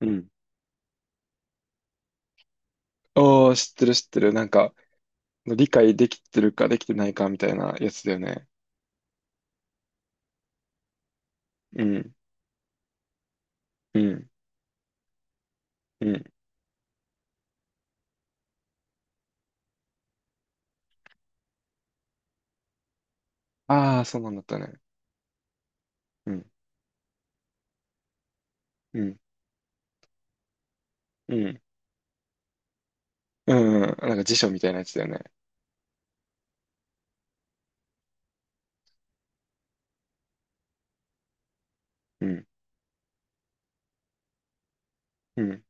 うん。おー、知ってる知ってる。なんか、理解できてるかできてないかみたいなやつだよね。うん、うん、うん。ああ、そうなんだったね。うん、うん、うん、うん、うん。なんか辞書みたいなやつだよね。うん、うん、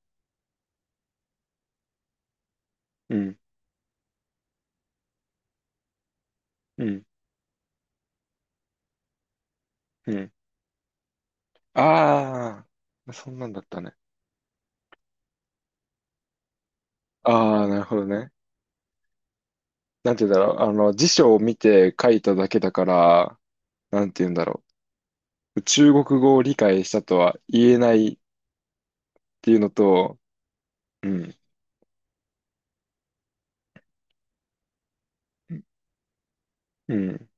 うん、うん、うん。ああ、そんなんだったね。ああ、なるほどね。なんて言うんだろう。あの、辞書を見て書いただけだから、なんて言うんだろう。中国語を理解したとは言えないっていうのと、うん、うん、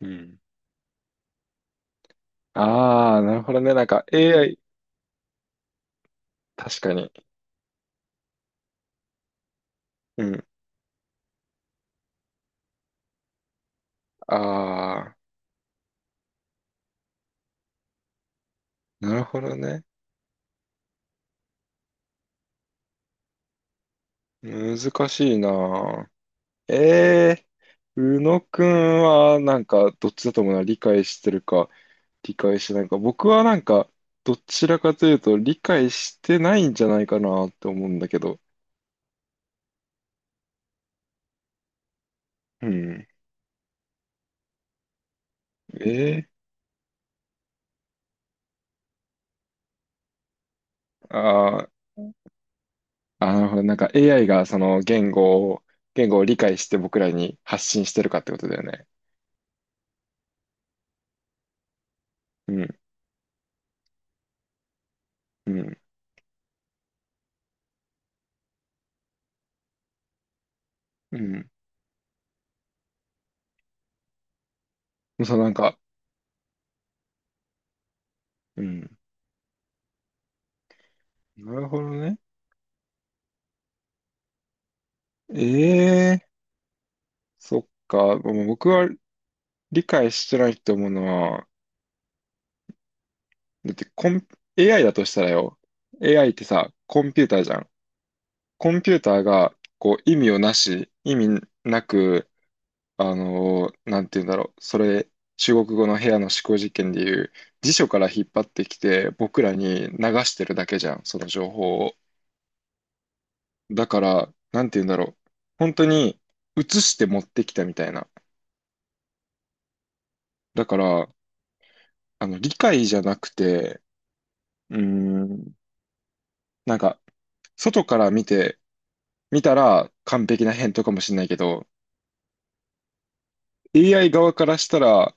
うん。ああ、なるほどね。なんか AI、確かに。うん。ああ、なるほどね。難しいな。ええー宇野くんは、なんか、どっちだと思うな。理解してるか、理解してないか。僕はなんか、どちらかというと、理解してないんじゃないかなって思うんだけど。うん。えーああー、あ、なるほど。なんか AI がその言語を、理解して僕らに発信してるかってことだよね。うん、うん、うん。そう、なんか、うん。なるほどね。ええ、そっか。もう僕は理解してないと思うのは、だってAI だとしたらよ。AI ってさ、コンピューターじゃん。コンピューターが、こう、意味なく、なんて言うんだろう。それ、中国語の部屋の思考実験でいう、辞書から引っ張ってきて、僕らに流してるだけじゃん。その情報を。だから、なんて言うんだろう。本当に、映して持ってきたみたいな。だから、あの、理解じゃなくて、うーん、なんか、外から見て、見たら完璧な返答かもしれないけど、AI 側からしたら、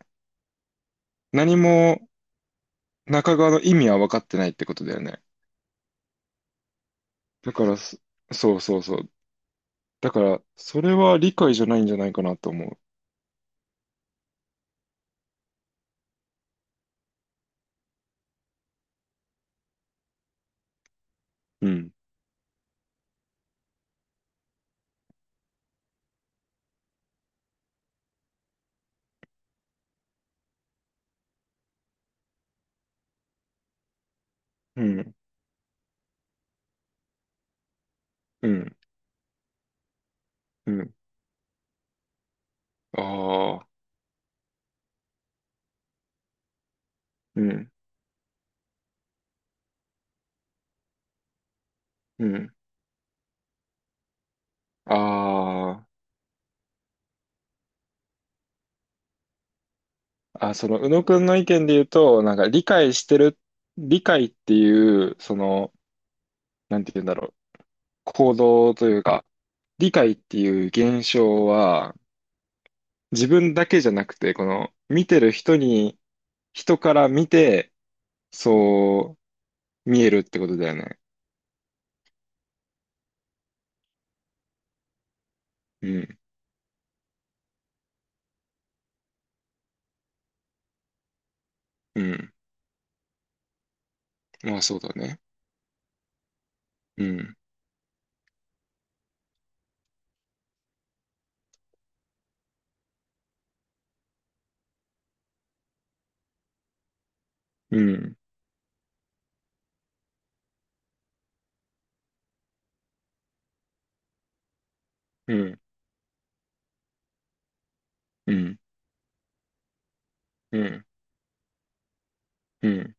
何も中側の意味は分かってないってことだよね。だから、そうそうそう。だから、それは理解じゃないんじゃないかなと思う。うん。うん。うん。うん。ああ。うん。うん。ああ。あ、その、宇野くんの意見で言うと、なんか理解っていう、その、なんて言うんだろう、行動というか、理解っていう現象は、自分だけじゃなくて、この、見てる人に、人から見て、そう見えるってことだよね。うん、うん。まあそうだね。うん、うん、うん、うん、うん、うん、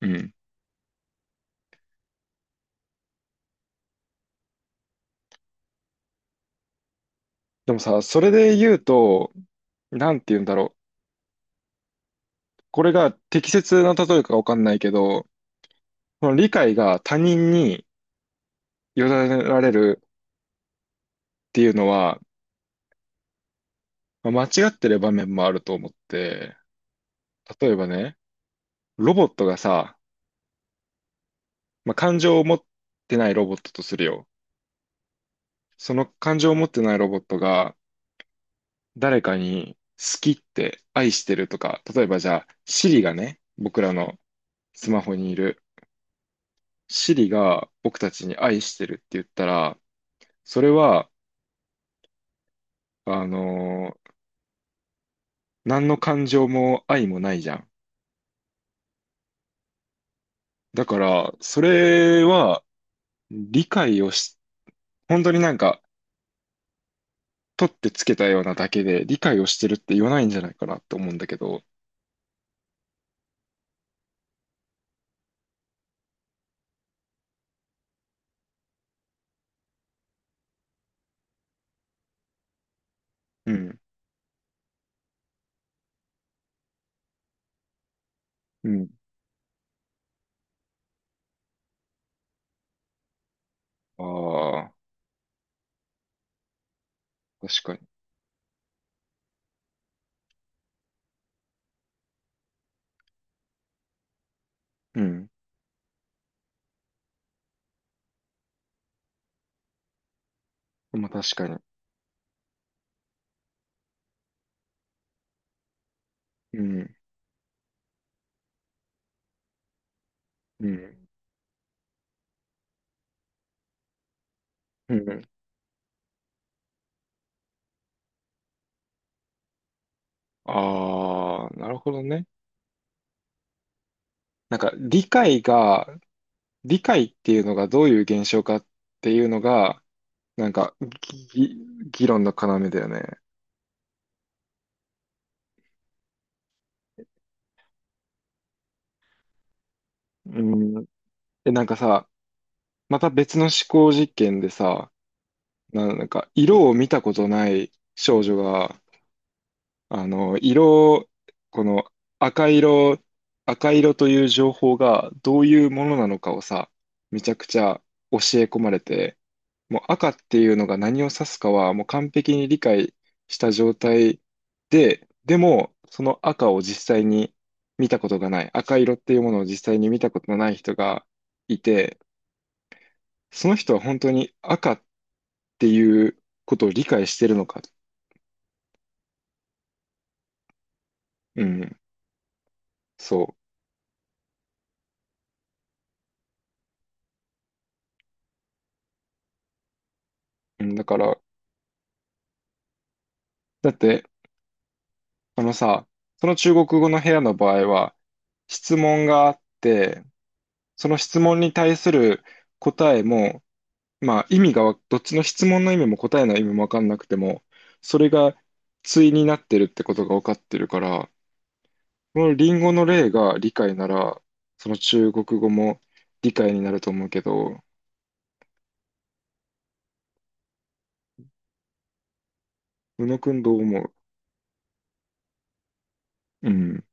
うん。でもさ、それで言うと、なんて言うんだろう。これが適切な例えかわかんないけど、この理解が他人に委ねられるっていうのは、まあ間違ってる場面もあると思って、例えばね、ロボットがさ、まあ、感情を持ってないロボットとするよ。その感情を持ってないロボットが誰かに好きって愛してるとか、例えばじゃあ、Siri がね、僕らのスマホにいる、Siri が僕たちに愛してるって言ったら、それは、あのー何の感情も愛もないじゃん。だから、それは理解をし、本当になんか、取ってつけたようなだけで理解をしてるって言わないんじゃないかなって思うんだけど。うん。うん。ああ、確かに。うん。まあ確かに。うん。うん。うん。ああ、なるほどね。なんか理解っていうのがどういう現象かっていうのが、なんかぎ議論の要だよね。うん。なんかさ、また別の思考実験でさ、なんか色を見たことない少女が、あの、この赤色、赤色という情報がどういうものなのかをさ、めちゃくちゃ教え込まれて、もう赤っていうのが何を指すかはもう完璧に理解した状態で、でもその赤を実際に見たことがない、赤色っていうものを実際に見たことのない人がいて、その人は本当に赤っていうことを理解してるのか。うん、そう。うん、だから、だって、そのさ、その中国語の部屋の場合は、質問があって、その質問に対する答えも、まあ意味がわ、どっちの質問の意味も答えの意味もわかんなくても、それが対になってるってことがわかってるから、このリンゴの例が理解なら、その中国語も理解になると思うけど、宇野くんどう思う？うん、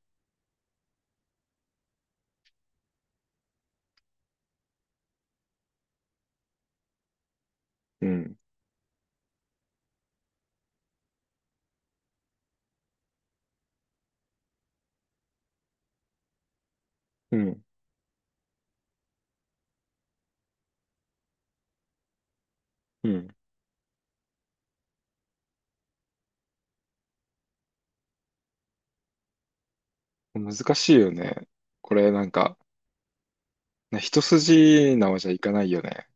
うん、うん、うん。難しいよね。これなんか、ね、一筋縄じゃいかないよね。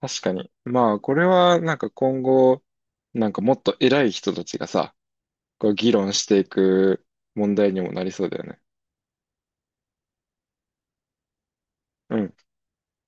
確かに。まあ、これはなんか今後、なんかもっと偉い人たちがさ、こう議論していく問題にもなりそうだよね。うん。